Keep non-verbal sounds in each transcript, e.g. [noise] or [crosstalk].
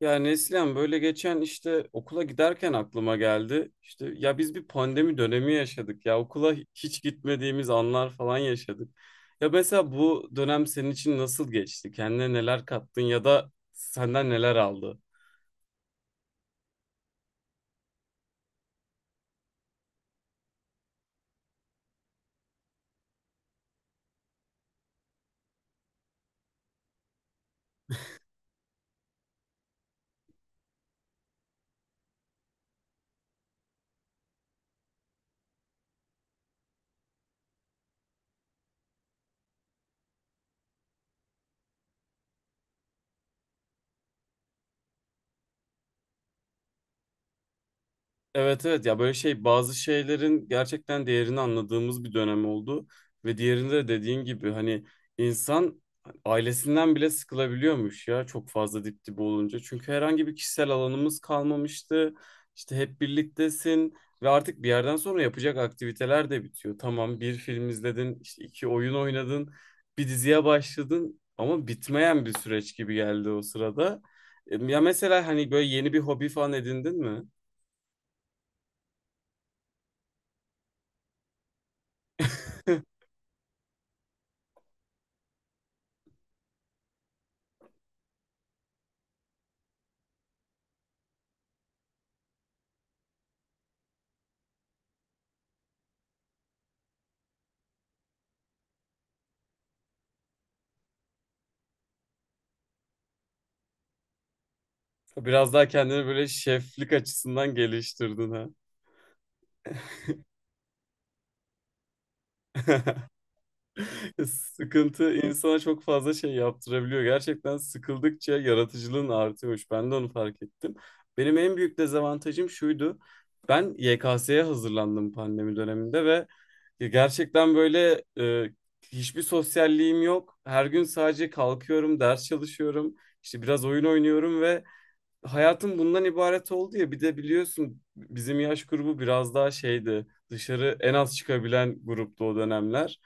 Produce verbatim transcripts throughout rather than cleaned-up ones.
Ya Neslihan böyle geçen işte okula giderken aklıma geldi. İşte ya biz bir pandemi dönemi yaşadık ya okula hiç gitmediğimiz anlar falan yaşadık. Ya mesela bu dönem senin için nasıl geçti? Kendine neler kattın ya da senden neler aldı? Evet evet ya böyle şey bazı şeylerin gerçekten değerini anladığımız bir dönem oldu ve diğerinde de dediğin gibi hani insan ailesinden bile sıkılabiliyormuş ya çok fazla dip dibe olunca. Çünkü herhangi bir kişisel alanımız kalmamıştı. İşte hep birliktesin ve artık bir yerden sonra yapacak aktiviteler de bitiyor. Tamam bir film izledin, işte iki oyun oynadın, bir diziye başladın ama bitmeyen bir süreç gibi geldi o sırada. E, Ya mesela hani böyle yeni bir hobi falan edindin mi? [laughs] Biraz daha kendini böyle şeflik açısından geliştirdin ha. [laughs] Sıkıntı insana çok fazla şey yaptırabiliyor. Gerçekten sıkıldıkça yaratıcılığın artıyormuş. Ben de onu fark ettim. Benim en büyük dezavantajım şuydu. Ben Y K S'ye hazırlandım pandemi döneminde ve e, gerçekten böyle e, hiçbir sosyalliğim yok. Her gün sadece kalkıyorum, ders çalışıyorum, işte biraz oyun oynuyorum ve hayatım bundan ibaret oldu ya bir de biliyorsun bizim yaş grubu biraz daha şeydi dışarı en az çıkabilen gruptu o dönemler.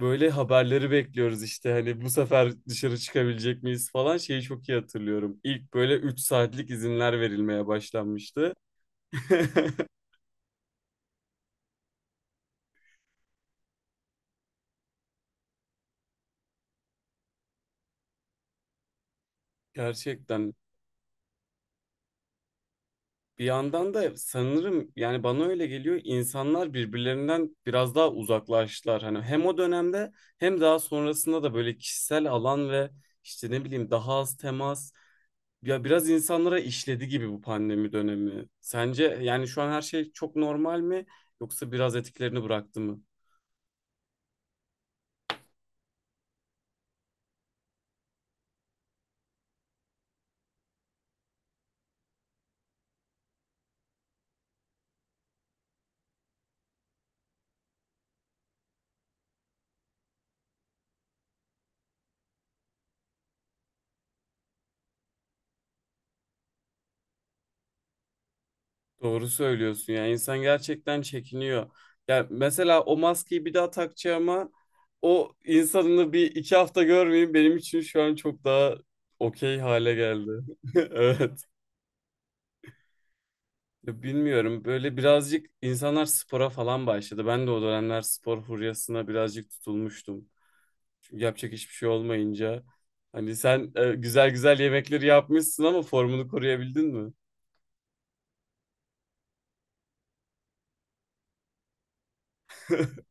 Böyle haberleri bekliyoruz işte hani bu sefer dışarı çıkabilecek miyiz falan şeyi çok iyi hatırlıyorum. İlk böyle üç saatlik izinler verilmeye başlanmıştı. [laughs] Gerçekten. Bir yandan da sanırım yani bana öyle geliyor insanlar birbirlerinden biraz daha uzaklaştılar. Hani hem o dönemde hem daha sonrasında da böyle kişisel alan ve işte ne bileyim daha az temas ya biraz insanlara işledi gibi bu pandemi dönemi. Sence yani şu an her şey çok normal mi yoksa biraz etkilerini bıraktı mı? Doğru söylüyorsun ya insan gerçekten çekiniyor. Ya mesela o maskeyi bir daha takacağıma o insanını bir iki hafta görmeyeyim benim için şu an çok daha okey hale geldi. [laughs] Evet. Ya bilmiyorum böyle birazcık insanlar spora falan başladı. Ben de o dönemler spor furyasına birazcık tutulmuştum. Çünkü yapacak hiçbir şey olmayınca. Hani sen e, güzel güzel yemekleri yapmışsın ama formunu koruyabildin mi? [laughs]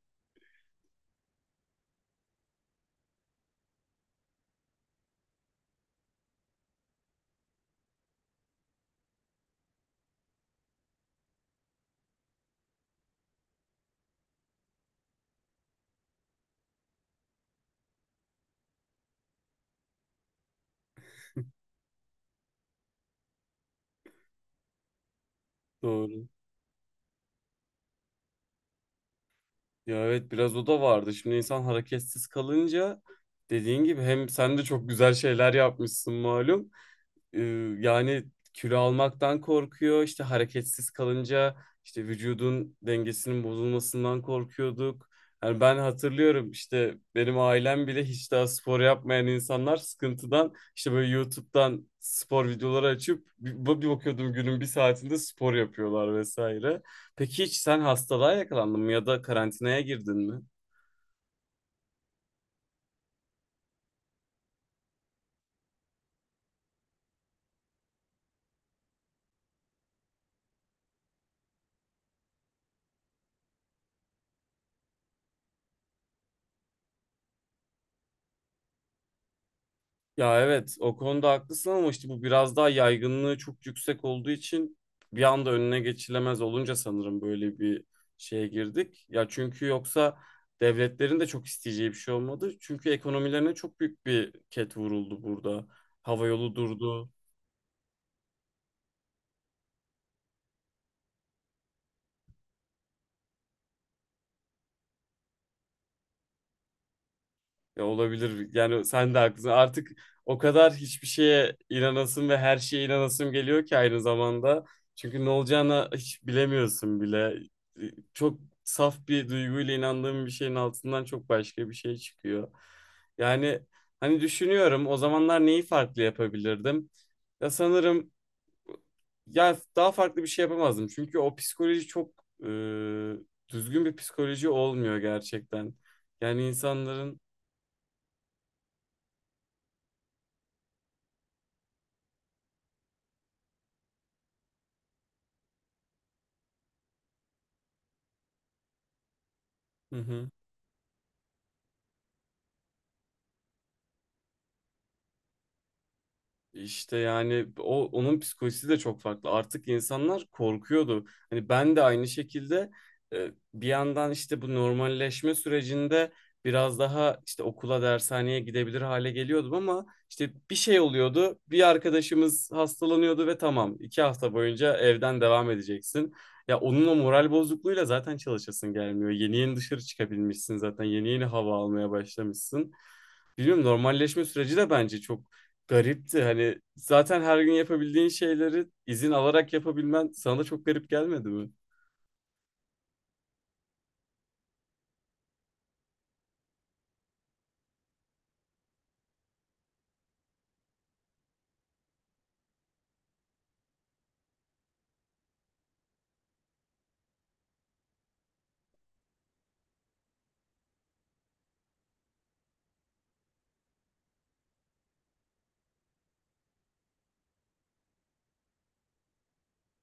Doğru. Ya evet biraz o da vardı. Şimdi insan hareketsiz kalınca dediğin gibi hem sen de çok güzel şeyler yapmışsın malum, e, yani kilo almaktan korkuyor. İşte hareketsiz kalınca işte vücudun dengesinin bozulmasından korkuyorduk. Yani ben hatırlıyorum işte benim ailem bile hiç daha spor yapmayan insanlar sıkıntıdan işte böyle YouTube'dan spor videoları açıp bir, bir bakıyordum günün bir saatinde spor yapıyorlar vesaire. Peki hiç sen hastalığa yakalandın mı ya da karantinaya girdin mi? Ya evet o konuda haklısın ama işte bu biraz daha yaygınlığı çok yüksek olduğu için bir anda önüne geçilemez olunca sanırım böyle bir şeye girdik. Ya çünkü yoksa devletlerin de çok isteyeceği bir şey olmadı. Çünkü ekonomilerine çok büyük bir ket vuruldu burada. Havayolu durdu. Ya olabilir. Yani sen de haklısın. Artık o kadar hiçbir şeye inanasım ve her şeye inanasım geliyor ki aynı zamanda. Çünkü ne olacağını hiç bilemiyorsun bile. Çok saf bir duyguyla inandığım bir şeyin altından çok başka bir şey çıkıyor. Yani hani düşünüyorum o zamanlar neyi farklı yapabilirdim? Ya sanırım ya daha farklı bir şey yapamazdım. Çünkü o psikoloji çok e, düzgün bir psikoloji olmuyor gerçekten. Yani insanların. Hı hı. İşte yani o onun psikolojisi de çok farklı. Artık insanlar korkuyordu. Hani ben de aynı şekilde e, bir yandan işte bu normalleşme sürecinde biraz daha işte okula, dershaneye gidebilir hale geliyordum ama işte bir şey oluyordu. Bir arkadaşımız hastalanıyordu ve tamam iki hafta boyunca evden devam edeceksin. Ya onun o moral bozukluğuyla zaten çalışasın gelmiyor. Yeni yeni dışarı çıkabilmişsin zaten. Yeni yeni hava almaya başlamışsın. Biliyorum normalleşme süreci de bence çok garipti. Hani zaten her gün yapabildiğin şeyleri izin alarak yapabilmen sana da çok garip gelmedi mi?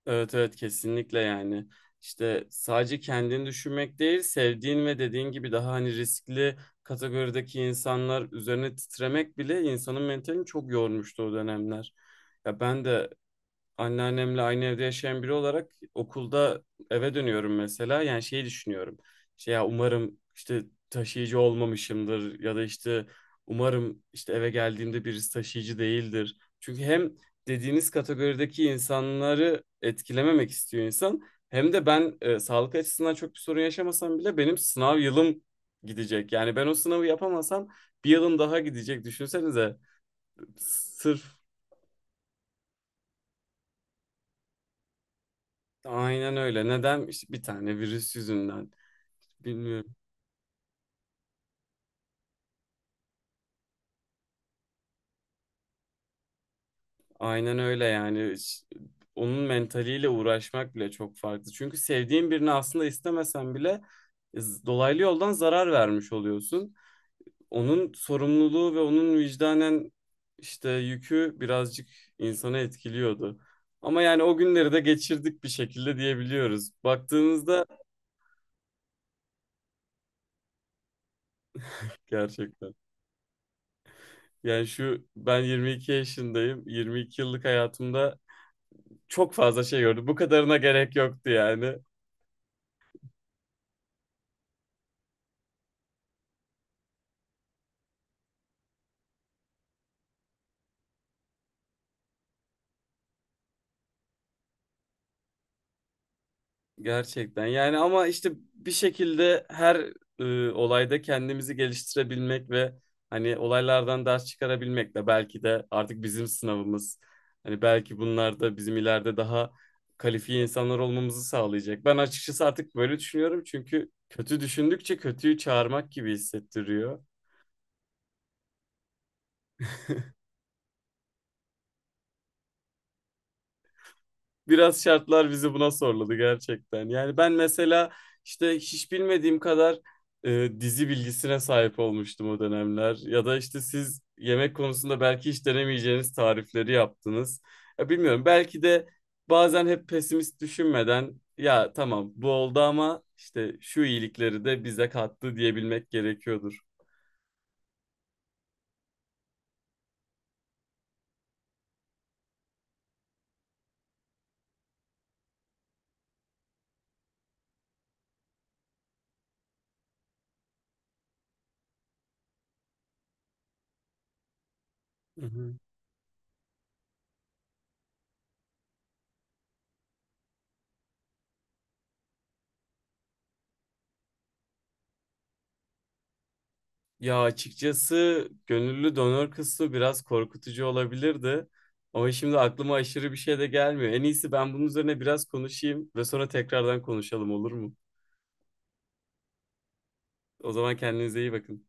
Evet evet kesinlikle yani. İşte sadece kendini düşünmek değil, sevdiğin ve dediğin gibi daha hani riskli kategorideki insanlar üzerine titremek bile insanın mentalini çok yormuştu o dönemler. Ya ben de anneannemle aynı evde yaşayan biri olarak okulda eve dönüyorum mesela. Yani şeyi düşünüyorum. Şey ya umarım işte taşıyıcı olmamışımdır ya da işte umarım işte eve geldiğimde birisi taşıyıcı değildir. Çünkü hem dediğiniz kategorideki insanları etkilememek istiyor insan hem de ben e, sağlık açısından çok bir sorun yaşamasam bile benim sınav yılım gidecek. Yani ben o sınavı yapamasam bir yılım daha gidecek düşünsenize. Sırf aynen öyle. Neden? İşte bir tane virüs yüzünden. Bilmiyorum. Aynen öyle yani. Ş- Onun mentaliyle uğraşmak bile çok farklı. Çünkü sevdiğin birini aslında istemesen bile e, z- dolaylı yoldan zarar vermiş oluyorsun. Onun sorumluluğu ve onun vicdanen işte yükü birazcık insanı etkiliyordu. Ama yani o günleri de geçirdik bir şekilde diyebiliyoruz. Baktığınızda gerçekten. Yani şu ben yirmi iki yaşındayım. yirmi iki yıllık hayatımda çok fazla şey gördüm. Bu kadarına gerek yoktu yani. Gerçekten yani ama işte bir şekilde her e, olayda kendimizi geliştirebilmek ve hani olaylardan ders çıkarabilmek de belki de artık bizim sınavımız. Hani belki bunlar da bizim ileride daha kalifiye insanlar olmamızı sağlayacak. Ben açıkçası artık böyle düşünüyorum çünkü kötü düşündükçe kötüyü çağırmak gibi hissettiriyor. Biraz şartlar bizi buna zorladı gerçekten. Yani ben mesela işte hiç bilmediğim kadar e, dizi bilgisine sahip olmuştum o dönemler. Ya da işte siz yemek konusunda belki hiç denemeyeceğiniz tarifleri yaptınız. Ya bilmiyorum belki de bazen hep pesimist düşünmeden ya tamam bu oldu ama işte şu iyilikleri de bize kattı diyebilmek gerekiyordur. Hı hı. Ya açıkçası gönüllü donör kısmı biraz korkutucu olabilirdi. Ama şimdi aklıma aşırı bir şey de gelmiyor. En iyisi ben bunun üzerine biraz konuşayım ve sonra tekrardan konuşalım olur mu? O zaman kendinize iyi bakın.